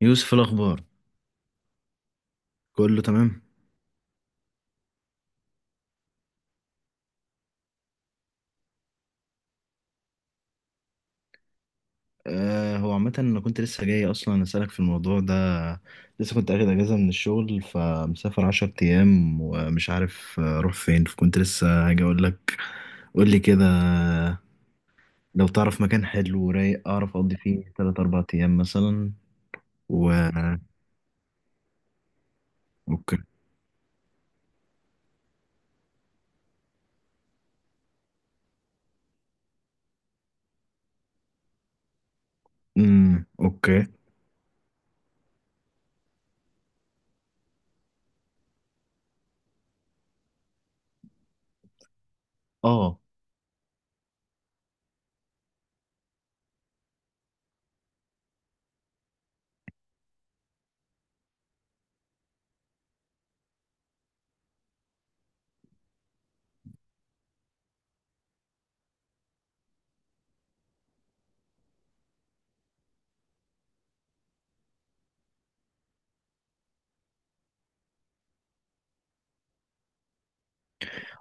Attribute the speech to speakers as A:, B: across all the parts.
A: يوسف، إيه الأخبار؟ كله تمام. آه، هو عامة أنا كنت لسه جاي أصلا أسألك في الموضوع ده. لسه كنت أخد أجازة من الشغل، فمسافر 10 أيام ومش عارف أروح فين، فكنت لسه هاجي أقول لك. قول لي كده. لو تعرف مكان حلو ورايق أعرف أقضي فيه تلات أربع أيام مثلا. و أوكي. أمم، أوكي. أه.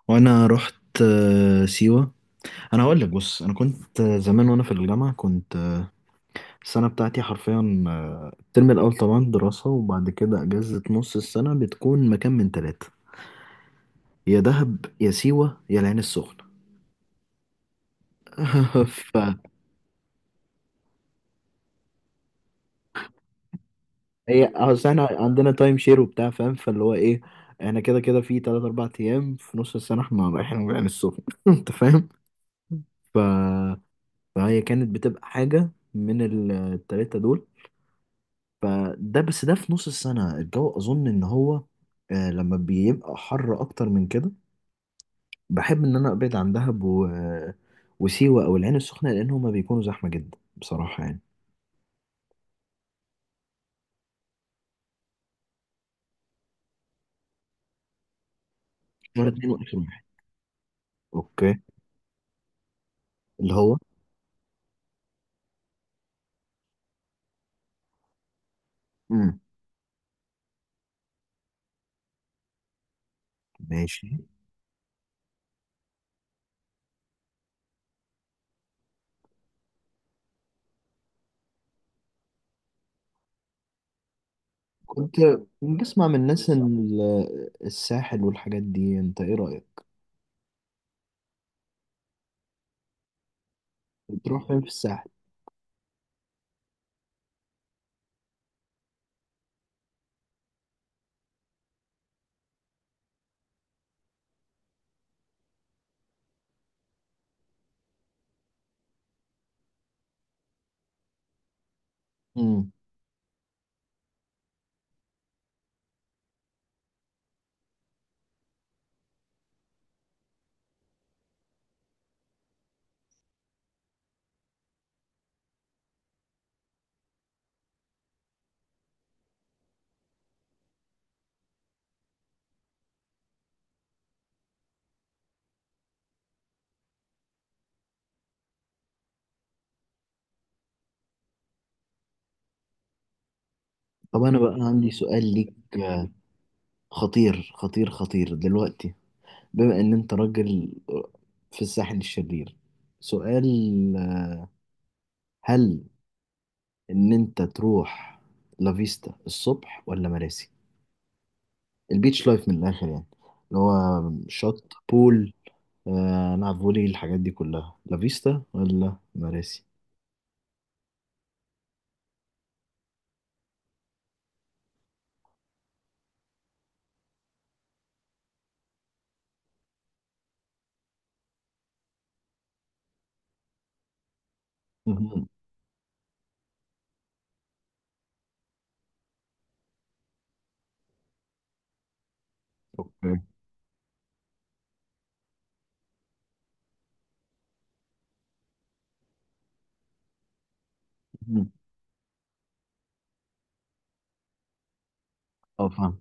A: وأنا رحت. آه، سيوة. أنا هقول لك، بص، أنا كنت زمان وأنا في الجامعة كنت. السنة بتاعتي حرفيا الترم الأول طبعا دراسة، وبعد كده أجازة نص السنة بتكون مكان من ثلاثة، يا دهب يا سيوة يا العين السخنة. فهي أصل احنا عندنا تايم شير وبتاع، فاهم؟ فاللي هو إيه، احنا كده كده في تلات أربع أيام في نص السنة احنا رايحين العين السخنة. أنت فاهم؟ ف... فهي كانت بتبقى حاجة من التلاتة دول. فده بس، ده في نص السنة، الجو أظن إن هو لما بيبقى حر أكتر من كده، بحب ان انا ابعد عن دهب وسيوة او العين السخنة، لان هما بيكونوا زحمة جدا بصراحة يعني. نمرة شرم اتنين واخر واحد. اوكي. اللي هو، امم، ماشي. كنت بسمع من الناس ان الساحل والحاجات دي، انت ايه رأيك؟ بتروح فين في الساحل؟ امم. طب انا بقى عندي سؤال ليك، خطير خطير خطير دلوقتي. بما ان انت راجل في الساحل الشرير، سؤال: هل ان انت تروح لافيستا الصبح ولا مراسي؟ البيتش لايف من الاخر يعني، اللي هو شط بول. نلعب فولي، الحاجات دي كلها، لافيستا ولا مراسي؟ مهم. اوكي. مهم. اه، فاهم.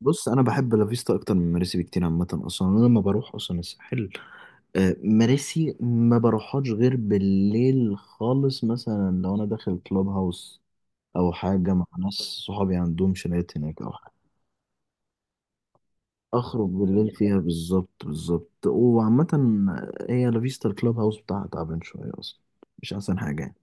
A: بص، انا بحب لافيستا اكتر من مراسي بكتير عامه. اصلا انا لما بروح اصلا الساحل، مراسي ما بروحهاش غير بالليل خالص، مثلا لو انا داخل كلوب هاوس او حاجه مع ناس، صحابي عندهم شاليهات هناك، او اخرج بالليل فيها. بالظبط، بالظبط. وعامة هي لافيستا الكلاب هاوس بتاعها تعبان شوية اصلا، مش احسن حاجة يعني.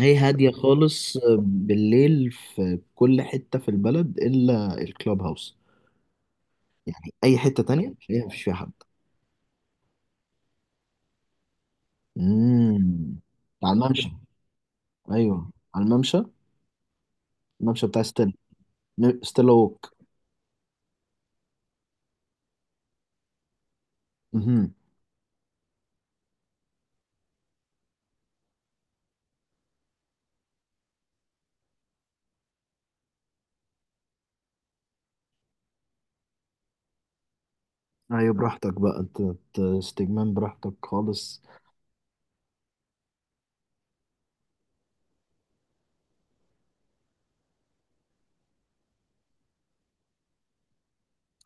A: هي هادية خالص بالليل في كل حتة في البلد الا الكلاب هاوس، يعني اي حتة تانية هي مفيش فيها حد. امم. على الممشى. ايوه، على الممشى. الممشى بتاع ستيل. ستيل ووك. امم. ايوه، براحتك بقى، انت استجمام براحتك خالص.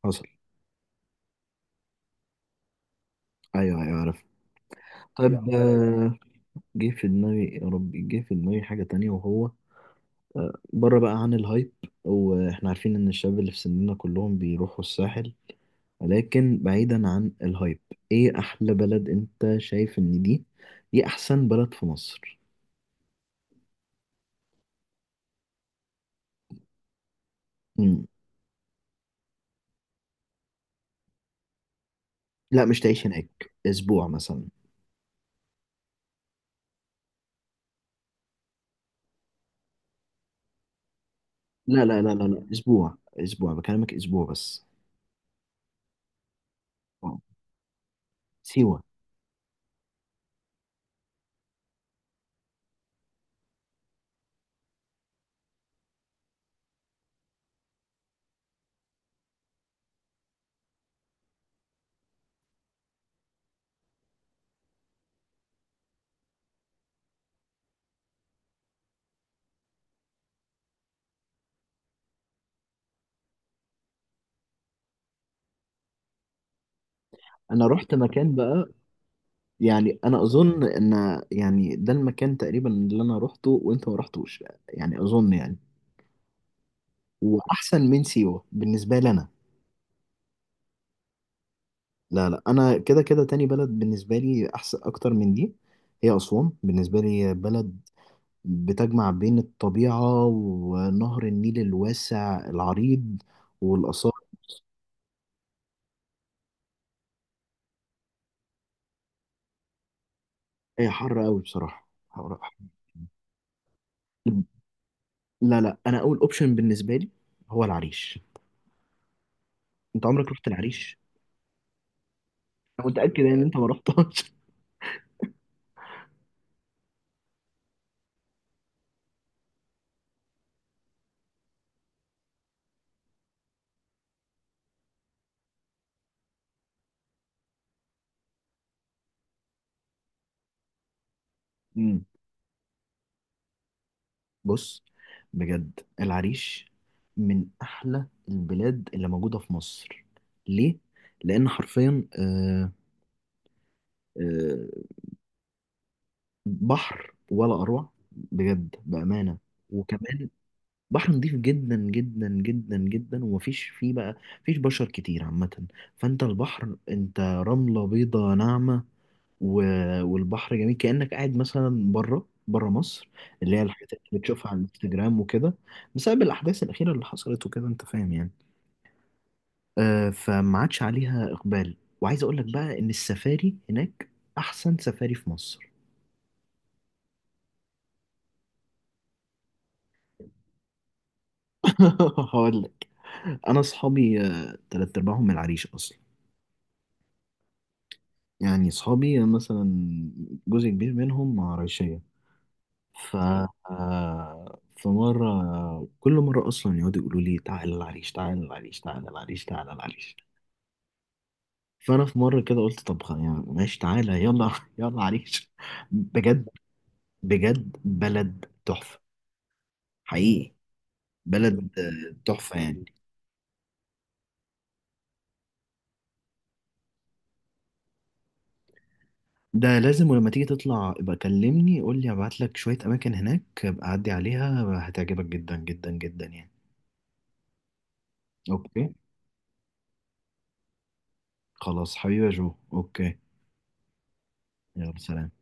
A: حصل. ايوه، ايوه، عارف. طيب، جه في دماغي، يا ربي، جه في دماغي حاجة تانية، وهو بره بقى عن الهايب. واحنا عارفين ان الشباب اللي في سننا كلهم بيروحوا الساحل، ولكن بعيدا عن الهايب، ايه احلى بلد انت شايف ان دي احسن بلد في مصر؟ مم. لا، مش تعيش هناك، اسبوع مثلا. لا لا لا لا لا، اسبوع اسبوع بكلمك، اسبوع بس. آه. سيوة. انا رحت مكان بقى، يعني انا اظن ان، يعني، ده المكان تقريبا اللي انا روحته وانت ما رحتوش، يعني اظن يعني، واحسن من سيوه بالنسبه لي انا. لا لا، انا كده كده تاني بلد بالنسبه لي احسن اكتر من دي. هي اسوان، بالنسبه لي بلد بتجمع بين الطبيعه ونهر النيل الواسع العريض، والاثار. هي حر قوي بصراحه، حر حر. لا لا، انا اول اوبشن بالنسبه لي هو العريش. انت عمرك رحت العريش؟ انا متاكد يعني ان انت ما رحتهاش. بص، بجد العريش من احلى البلاد اللي موجوده في مصر. ليه؟ لان حرفيا آه، بحر ولا اروع، بجد، بامانه. وكمان بحر نظيف جدا جدا جدا جدا، ومفيش فيه بقى، مفيش بشر كتير عامه. فانت البحر انت رمله بيضه ناعمه، والبحر جميل كأنك قاعد مثلا بره بره مصر، اللي هي الحاجات اللي بتشوفها على الانستجرام وكده. بسبب الأحداث الأخيرة اللي حصلت وكده، أنت فاهم يعني. آه، فما عادش عليها إقبال، وعايز أقول لك بقى إن السفاري هناك أحسن سفاري في مصر. هقول لك. أنا أصحابي تلات أرباعهم من العريش أصلا، يعني أصحابي مثلا جزء كبير منهم عرايشية. ف فمرة، كل مرة أصلا يقعدوا يقولوا لي تعالى العريش، تعالى العريش، تعالى العريش، تعالى العريش. فأنا في مرة كده قلت، طب، يعني ماشي، تعالى، يلا، يلا عريش. بجد. بجد بلد تحفة، حقيقي، بلد تحفة يعني. ده لازم، ولما تيجي تطلع ابقى كلمني، قول لي، ابعت لك شوية أماكن هناك ابقى عدي عليها، هتعجبك جدا جدا جدا يعني. أوكي. خلاص حبيبي يا جو، أوكي. يلا سلام.